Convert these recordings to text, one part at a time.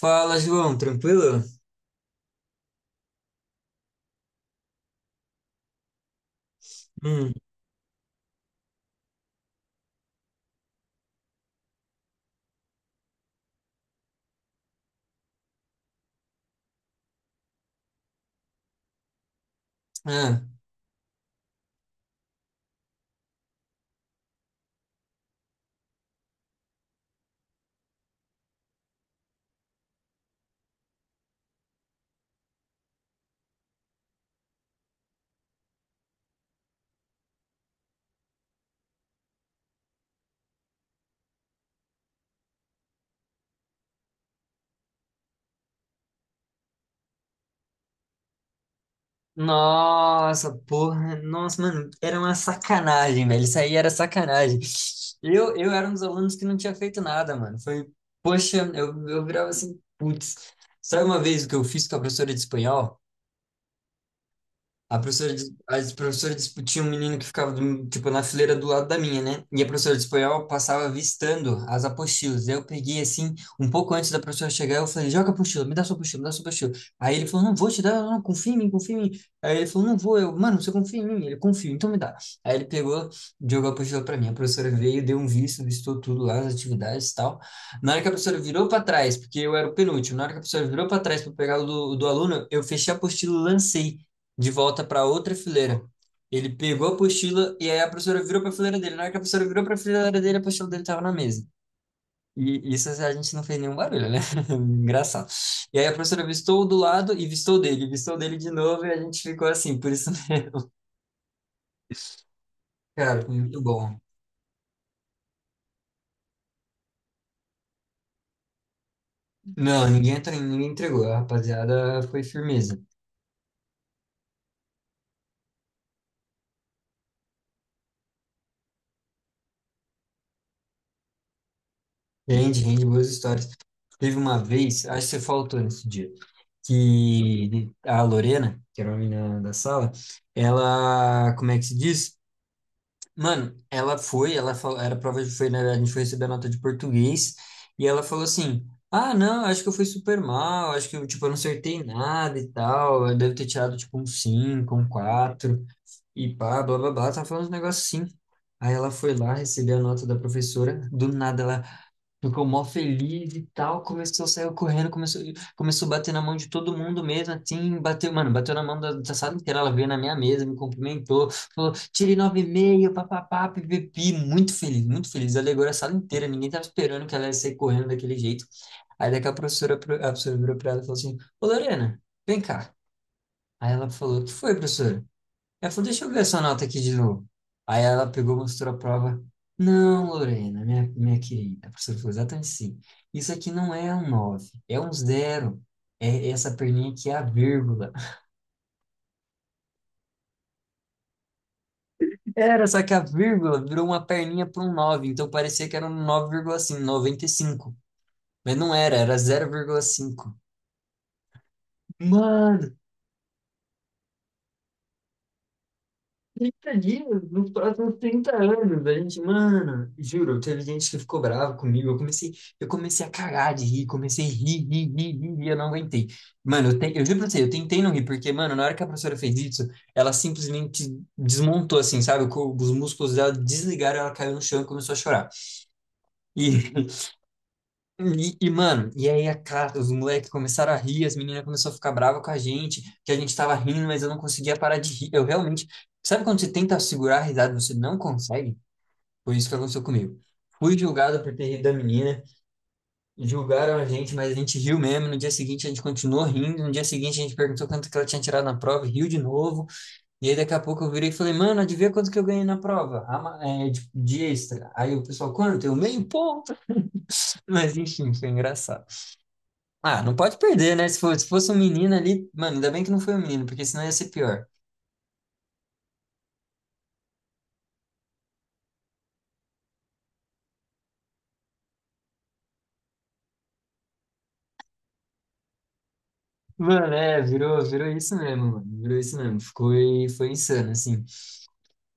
Fala, João, tranquilo? Hum, ah. Nossa, porra, nossa, mano, era uma sacanagem, velho. Isso aí era sacanagem. Eu era um dos alunos que não tinha feito nada, mano. Foi, poxa, eu virava assim, putz. Sabe uma vez o que eu fiz com a professora de espanhol? As professoras discutiam um menino que ficava, tipo, na fileira do lado da minha, né? E a professora de espanhol passava avistando as apostilas. Daí eu peguei, assim, um pouco antes da professora chegar, eu falei, joga a apostila, me dá sua apostila, me dá sua apostila. Aí ele falou, não, vou te dar, não, confia em mim, confia em mim. Aí ele falou, não vou, eu, mano, você confia em mim? Ele, confio, então me dá. Aí ele pegou, jogou a apostila pra mim. A professora veio, deu um visto, vistou tudo lá, as atividades e tal. Na hora que a professora virou pra trás, porque eu era o penúltimo, na hora que a professora virou pra trás pra pegar o do aluno, eu fechei a apostila e lancei de volta para outra fileira. Ele pegou a apostila e aí a professora virou para a fileira dele. Na hora que a professora virou para a fileira dele, a apostila dele estava na mesa. E isso a gente não fez nenhum barulho, né? Engraçado. E aí a professora vistou do lado e vistou dele de novo e a gente ficou assim. Por isso, cara, foi muito bom. Não, ninguém, ninguém entregou. A rapaziada foi firmeza. Rende, rende boas histórias. Teve uma vez, acho que você faltou nesse dia, que a Lorena, que era uma menina da sala, ela, como é que se diz? Mano, ela falou, era prova de foi, né? A gente foi receber a nota de português e ela falou assim: "Ah, não, acho que eu fui super mal, acho que eu, tipo, eu não acertei nada e tal, eu devo ter tirado tipo um 5, um 4 e pá, blá blá blá", tava falando uns negócios assim. Aí ela foi lá receber a nota da professora, do nada ela ficou mó feliz e tal, saiu correndo, começou a bater na mão de todo mundo mesmo, assim, bateu, mano, bateu na mão da, da sala inteira, ela veio na minha mesa, me cumprimentou, falou, tirei nove e meio, papapá, pipipi, muito feliz, alegrou a sala inteira, ninguém tava esperando que ela ia sair correndo daquele jeito. Aí daqui a professora, a professora virou pra ela e falou assim, ô Lorena, vem cá. Aí ela falou, o que foi, professora? Ela falou, deixa eu ver essa nota aqui de novo. Aí ela pegou, mostrou a prova. Não, Lorena, minha querida. A professora falou exatamente assim. Isso aqui não é um 9, é um zero. É essa perninha aqui é a vírgula. Era, só que a vírgula virou uma perninha para um 9, então parecia que era um 9,95. Mas não era, era 0,5. Mano, 30 dias nos próximos 30 anos. A gente, mano, juro, teve gente que ficou brava comigo. Eu comecei a cagar de rir, comecei a rir, rir, rir, rir, rir, eu não aguentei. Mano, eu juro pra você, eu tentei não rir, porque, mano, na hora que a professora fez isso, ela simplesmente desmontou, assim, sabe? Os músculos dela desligaram, ela caiu no chão e começou a chorar. E e mano, e aí a cara, os moleques começaram a rir, as meninas começaram a ficar bravas com a gente, que a gente tava rindo, mas eu não conseguia parar de rir. Eu realmente. Sabe quando você tenta segurar a risada e você não consegue? Foi isso que aconteceu comigo. Fui julgado por ter rido da menina, julgaram a gente, mas a gente riu mesmo. No dia seguinte a gente continuou rindo, no dia seguinte a gente perguntou quanto que ela tinha tirado na prova, e riu de novo. E aí daqui a pouco eu virei e falei, mano, adivinha quanto que eu ganhei na prova? Ah, é, de extra. Aí o pessoal, quanto? Eu meio ponto. Mas enfim, foi engraçado. Ah, não pode perder, né? Se fosse um menino ali, mano, ainda bem que não foi um menino, porque senão ia ser pior. Mano, é, virou, virou isso mesmo, mano. Virou isso mesmo. Ficou, e- foi insano, assim.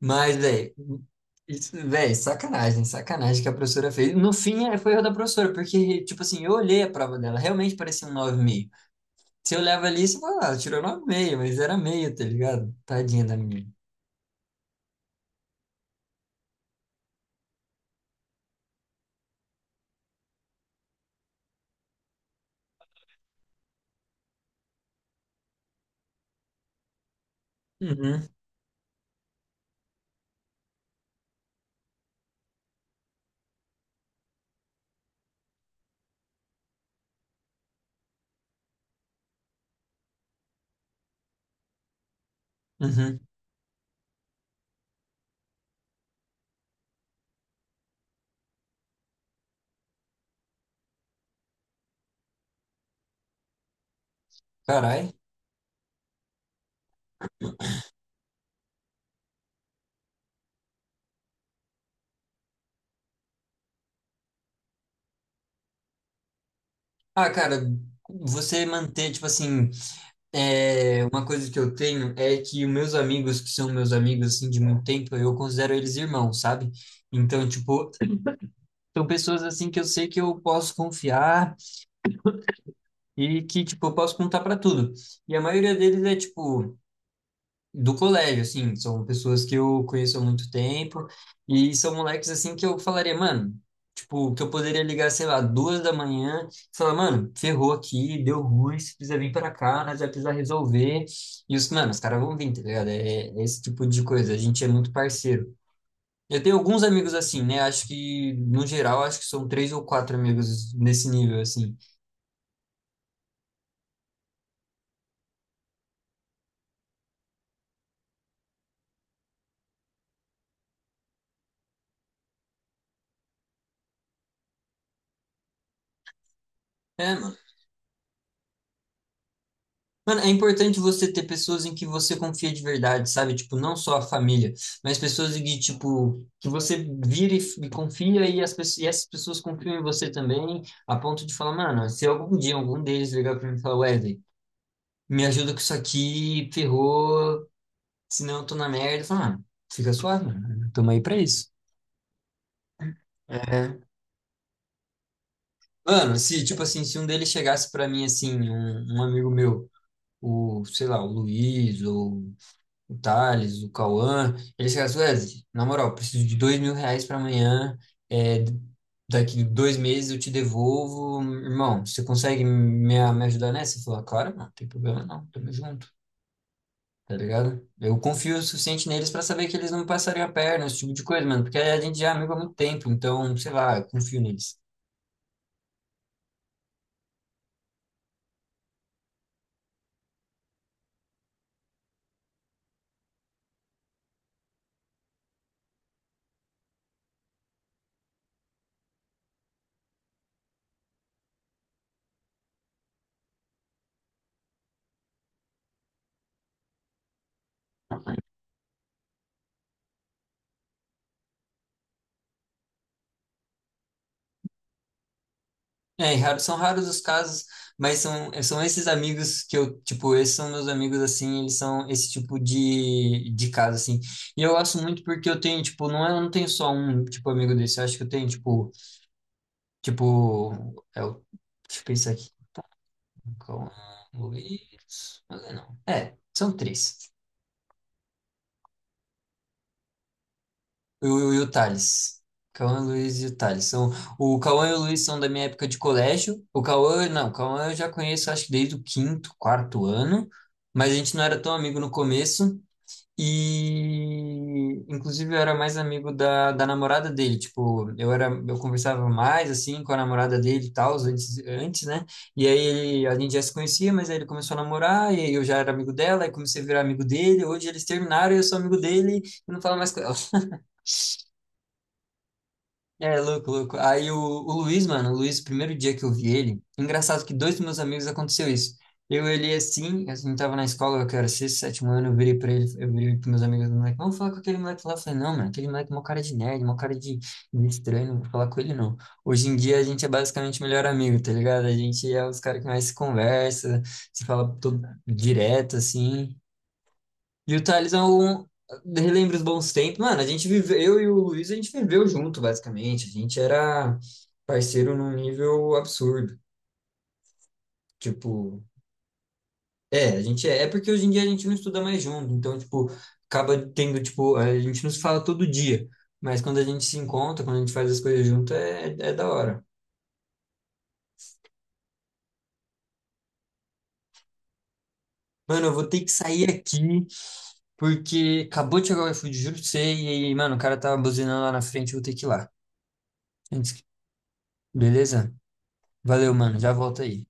Mas, velho, isso, velho, sacanagem, sacanagem que a professora fez. No fim, é, foi erro da professora, porque, tipo assim, eu olhei a prova dela, realmente parecia um 9,5. Se eu levo ali, você fala, ah, ela tirou 9,5, mas era meio, tá ligado? Tadinha da menina. Uhum, uhum. Caralho. Ah, cara, você manter, tipo assim, é, uma coisa que eu tenho é que os meus amigos, que são meus amigos, assim, de muito tempo, eu considero eles irmãos, sabe? Então, tipo, são pessoas, assim, que eu sei que eu posso confiar e que, tipo, eu posso contar pra tudo. E a maioria deles é, tipo, do colégio, assim, são pessoas que eu conheço há muito tempo e são moleques, assim, que eu falaria, mano, tipo, que eu poderia ligar, sei lá, 2 da manhã e falar, mano, ferrou aqui, deu ruim, você precisa vir pra cá, nós vai precisar resolver. E os, mano, os caras vão vir, tá ligado? É, é esse tipo de coisa, a gente é muito parceiro. Eu tenho alguns amigos assim, né? Acho que, no geral, acho que são três ou quatro amigos nesse nível, assim. É, mano, é importante você ter pessoas em que você confia de verdade, sabe? Tipo, não só a família, mas pessoas em que, tipo, que você vira e confia e, e essas pessoas confiam em você também, a ponto de falar, mano, se algum dia algum deles ligar pra mim e falar, Wesley, me ajuda com isso aqui, ferrou, senão eu tô na merda, fala, mano, fica suave, mano, tamo aí pra isso. É. Mano, se, tipo assim, se um deles chegasse pra mim, assim, um amigo meu, o, sei lá, o Luiz, ou o Thales, o Cauã, eles falaram assim, Wesley, na moral, preciso de R$ 2.000 para amanhã, é, daqui 2 meses eu te devolvo, irmão, você consegue me, me ajudar nessa? Eu falei, "Ah, claro, não, não tem problema não, tamo junto, tá ligado? Eu confio o suficiente neles para saber que eles não me passariam a perna, esse tipo de coisa, mano, porque a gente já é amigo há muito tempo, então, sei lá, eu confio neles. É, e são raros os casos, mas são, são esses amigos que eu, tipo, esses são meus amigos, assim, eles são esse tipo de caso, assim. E eu gosto muito porque eu tenho, tipo, não, eu não tenho só um, tipo, amigo desse, eu acho que eu tenho, tipo, tipo, é o, deixa eu pensar aqui, calma, Luiz, mas é não, é, são três. E o Thales. Cauã, Luiz e o Thales. São, o Cauã e o Luiz são da minha época de colégio. O Cauã, não, o Cauã eu já conheço acho que desde o quinto, quarto ano, mas a gente não era tão amigo no começo. E inclusive eu era mais amigo da, da namorada dele. Tipo, eu era, eu conversava mais assim com a namorada dele e tal, antes, antes, né? E aí ele, a gente já se conhecia, mas aí ele começou a namorar, e aí eu já era amigo dela, aí comecei a virar amigo dele. Hoje eles terminaram e eu sou amigo dele e não falo mais com ela. É, louco, louco. Aí o Luiz, mano, o Luiz, o primeiro dia que eu vi ele, engraçado que dois dos meus amigos aconteceu isso. Eu olhei assim, a gente tava na escola, que era sexto, sétimo ano, eu virei pros meus amigos, moleque, vamos falar com aquele moleque lá. Eu falei, não, mano, aquele moleque é uma cara de nerd, uma cara de estranho, não vou falar com ele não. Hoje em dia a gente é basicamente melhor amigo, tá ligado? A gente é os caras que mais se conversa, se fala todo direto, assim. E o Thales é um. Relembra os bons tempos. Mano, a gente viveu, eu e o Luiz, a gente viveu junto, basicamente. A gente era parceiro num nível absurdo. Tipo, é, a gente é. É porque hoje em dia a gente não estuda mais junto. Então, tipo, acaba tendo, tipo, a gente não se fala todo dia. Mas quando a gente se encontra, quando a gente faz as coisas junto, é, é da hora. Mano, eu vou ter que sair aqui, porque acabou de chegar o iFood, juro pra você. E, aí, mano, o cara tava buzinando lá na frente, eu vou ter que ir lá. Antes que- Beleza? Valeu, mano. Já volto aí.